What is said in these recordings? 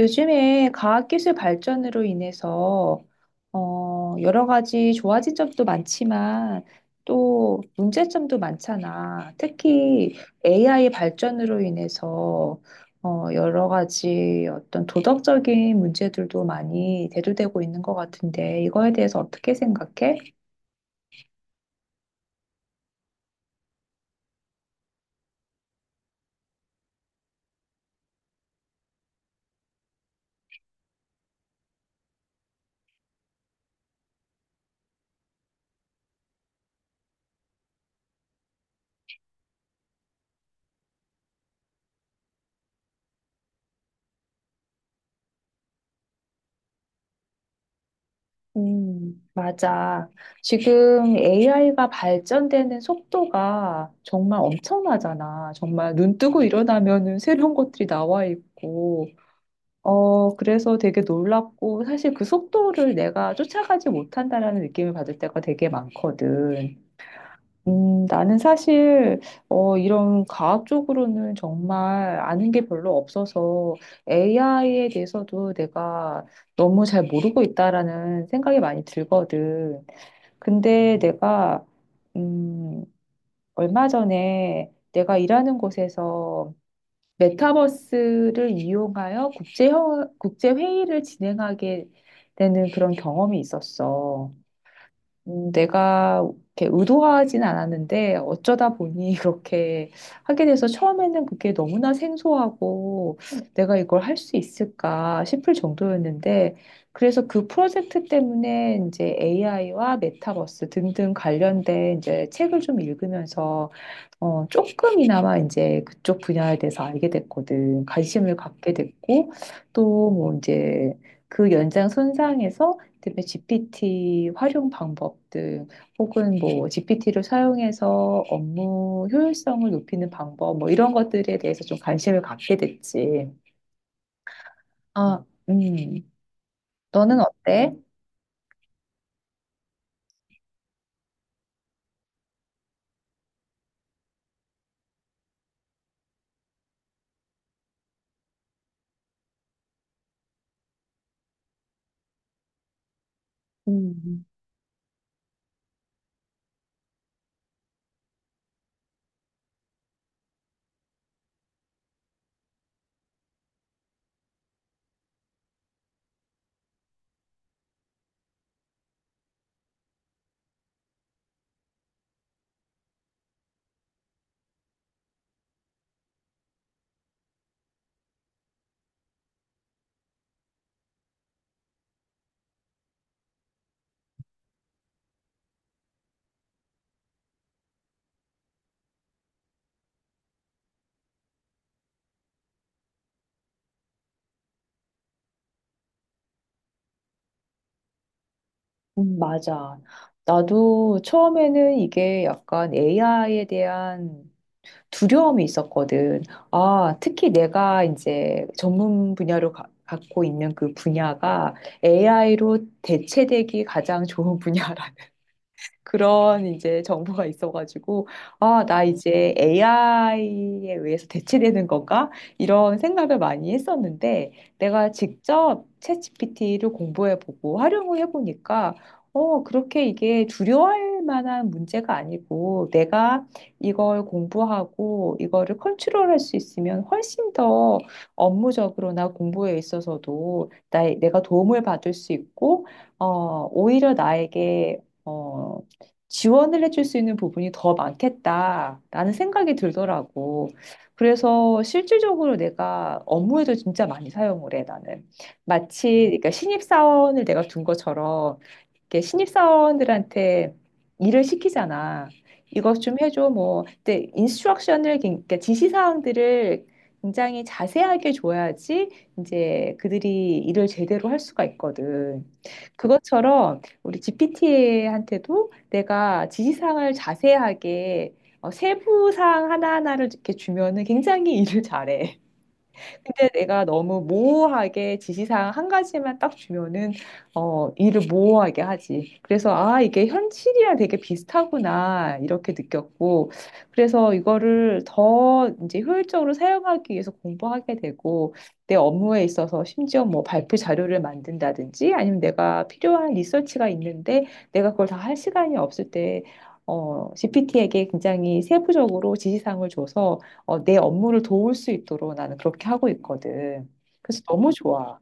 요즘에 과학기술 발전으로 인해서 여러 가지 좋아진 점도 많지만 또 문제점도 많잖아. 특히 AI 발전으로 인해서 여러 가지 어떤 도덕적인 문제들도 많이 대두되고 있는 것 같은데 이거에 대해서 어떻게 생각해? 맞아. 지금 AI가 발전되는 속도가 정말 엄청나잖아. 정말 눈 뜨고 일어나면은 새로운 것들이 나와 있고, 그래서 되게 놀랍고, 사실 그 속도를 내가 쫓아가지 못한다라는 느낌을 받을 때가 되게 많거든. 나는 사실, 이런 과학 쪽으로는 정말 아는 게 별로 없어서 AI에 대해서도 내가 너무 잘 모르고 있다라는 생각이 많이 들거든. 근데 내가, 음, 얼마 전에 내가 일하는 곳에서 메타버스를 이용하여 국제 회의를 진행하게 되는 그런 경험이 있었어. 내가 이렇게 의도하진 않았는데 어쩌다 보니 그렇게 하게 돼서 처음에는 그게 너무나 생소하고 내가 이걸 할 수 있을까 싶을 정도였는데 그래서 그 프로젝트 때문에 이제 AI와 메타버스 등등 관련된 이제 책을 좀 읽으면서 조금이나마 이제 그쪽 분야에 대해서 알게 됐거든. 관심을 갖게 됐고, 또 뭐 이제 그 연장 손상에서 그다음에 GPT 활용 방법 등 혹은 뭐 GPT를 사용해서 업무 효율성을 높이는 방법 뭐 이런 것들에 대해서 좀 관심을 갖게 됐지. 아, 너는 어때? 음, 맞아. 나도 처음에는 이게 약간 AI에 대한 두려움이 있었거든. 아, 특히 내가 이제 갖고 있는 그 분야가 AI로 대체되기 가장 좋은 분야라. 그런 이제 정보가 있어가지고, 아, 나 이제 AI에 의해서 대체되는 건가? 이런 생각을 많이 했었는데, 내가 직접 챗GPT를 공부해보고 활용을 해보니까, 그렇게 이게 두려워할 만한 문제가 아니고, 내가 이걸 공부하고, 이거를 컨트롤할 수 있으면 훨씬 더 업무적으로나 공부에 있어서도 내가 도움을 받을 수 있고, 오히려 나에게, 어, 지원을 해줄 수 있는 부분이 더 많겠다라는 생각이 들더라고. 그래서 실질적으로 내가 업무에도 진짜 많이 사용을 해, 나는. 마치, 그러니까 신입사원을 내가 둔 것처럼, 이렇게 신입사원들한테 일을 시키잖아. 이것 좀 해줘, 뭐. 근데 인스트럭션을, 그러니까 지시사항들을 굉장히 자세하게 줘야지 이제 그들이 일을 제대로 할 수가 있거든. 그것처럼 우리 GPT한테도 내가 지시사항을 자세하게 세부사항 하나하나를 이렇게 주면은 굉장히 일을 잘해. 근데 내가 너무 모호하게 지시사항 한 가지만 딱 주면은 일을 모호하게 하지. 그래서 아, 이게 현실이랑 되게 비슷하구나 이렇게 느꼈고 그래서 이거를 더 이제 효율적으로 사용하기 위해서 공부하게 되고 내 업무에 있어서 심지어 뭐 발표 자료를 만든다든지 아니면 내가 필요한 리서치가 있는데 내가 그걸 다 할 시간이 없을 때 GPT에게 굉장히 세부적으로 지시사항을 줘서 내 업무를 도울 수 있도록 나는 그렇게 하고 있거든. 그래서 너무 좋아.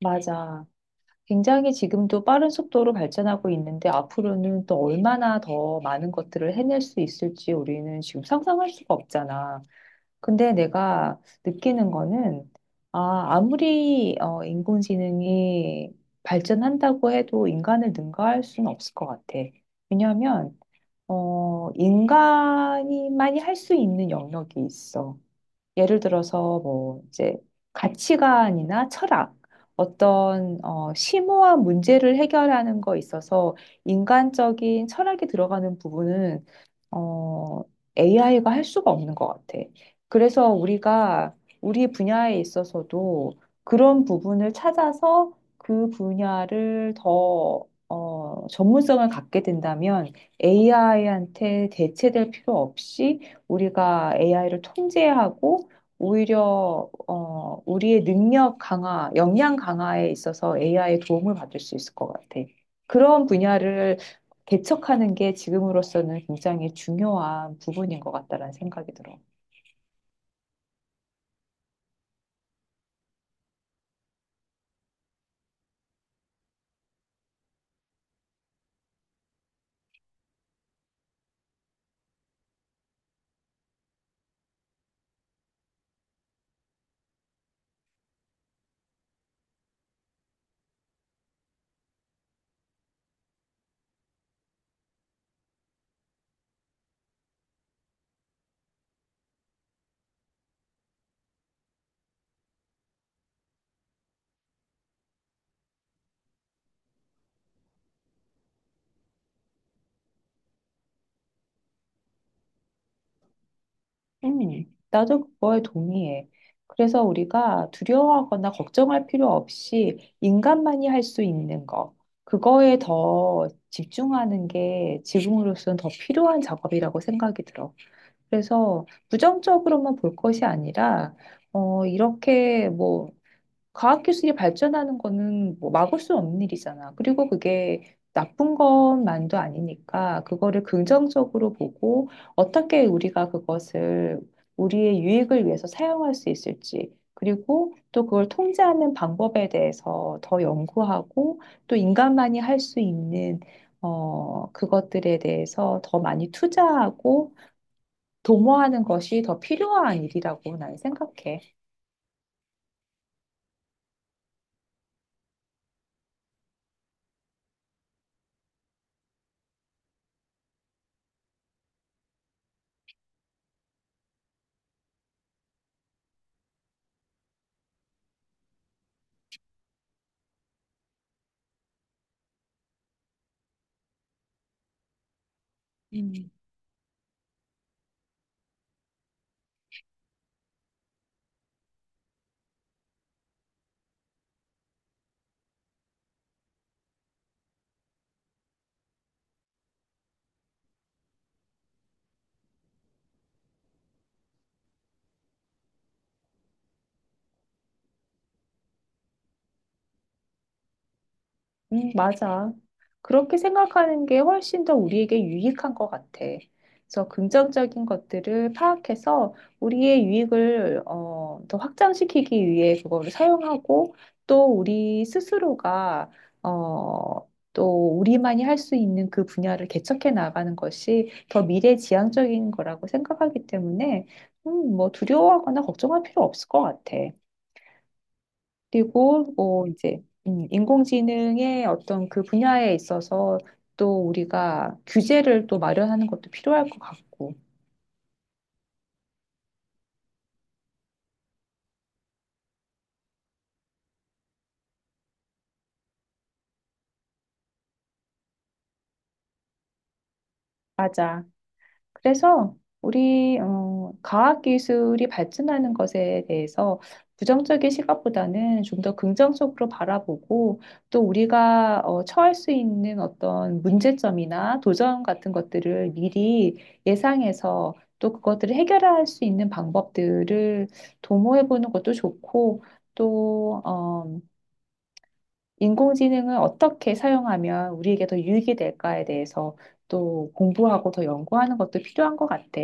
맞아. 굉장히 지금도 빠른 속도로 발전하고 있는데 앞으로는 또 얼마나 더 많은 것들을 해낼 수 있을지 우리는 지금 상상할 수가 없잖아. 근데 내가 느끼는 거는 아, 아무리 인공지능이 발전한다고 해도 인간을 능가할 수는 없을 것 같아. 왜냐하면 인간이만이 할 수 있는 영역이 있어. 예를 들어서 뭐 이제 가치관이나 철학 어떤 심오한 문제를 해결하는 거 있어서 인간적인 철학이 들어가는 부분은 어, AI가 할 수가 없는 것 같아. 그래서 우리가 우리 분야에 있어서도 그런 부분을 찾아서 그 분야를 더 전문성을 갖게 된다면 AI한테 대체될 필요 없이 우리가 AI를 통제하고 오히려 우리의 능력 강화, 역량 강화에 있어서 AI의 도움을 받을 수 있을 것 같아. 그런 분야를 개척하는 게 지금으로서는 굉장히 중요한 부분인 것 같다라는 생각이 들어. 음, 나도 그거에 동의해. 그래서 우리가 두려워하거나 걱정할 필요 없이 인간만이 할 수 있는 거, 그거에 더 집중하는 게 지금으로서는 더 필요한 작업이라고 생각이 들어. 그래서 부정적으로만 볼 것이 아니라, 이렇게 뭐, 과학 기술이 발전하는 거는 뭐 막을 수 없는 일이잖아. 그리고 그게 나쁜 것만도 아니니까 그거를 긍정적으로 보고 어떻게 우리가 그것을 우리의 유익을 위해서 사용할 수 있을지, 그리고 또 그걸 통제하는 방법에 대해서 더 연구하고 또 인간만이 할 수 있는 그것들에 대해서 더 많이 투자하고 도모하는 것이 더 필요한 일이라고 나는 생각해. 음. 맞아. 그렇게 생각하는 게 훨씬 더 우리에게 유익한 것 같아. 그래서 긍정적인 것들을 파악해서 우리의 유익을 더 확장시키기 위해 그거를 사용하고 또 우리 스스로가 또 우리만이 할 수 있는 그 분야를 개척해 나가는 것이 더 미래지향적인 거라고 생각하기 때문에 뭐 두려워하거나 걱정할 필요 없을 것 같아. 그리고 뭐 이제 인공지능의 어떤 그 분야에 있어서 또 우리가 규제를 또 마련하는 것도 필요할 것 같고. 맞아. 그래서 우리 과학 기술이 발전하는 것에 대해서 부정적인 시각보다는 좀 더 긍정적으로 바라보고 또 우리가 처할 수 있는 어떤 문제점이나 도전 같은 것들을 미리 예상해서 또 그것들을 해결할 수 있는 방법들을 도모해 보는 것도 좋고 또 인공지능을 어떻게 사용하면 우리에게 더 유익이 될까에 대해서 또 공부하고 더 연구하는 것도 필요한 것 같아.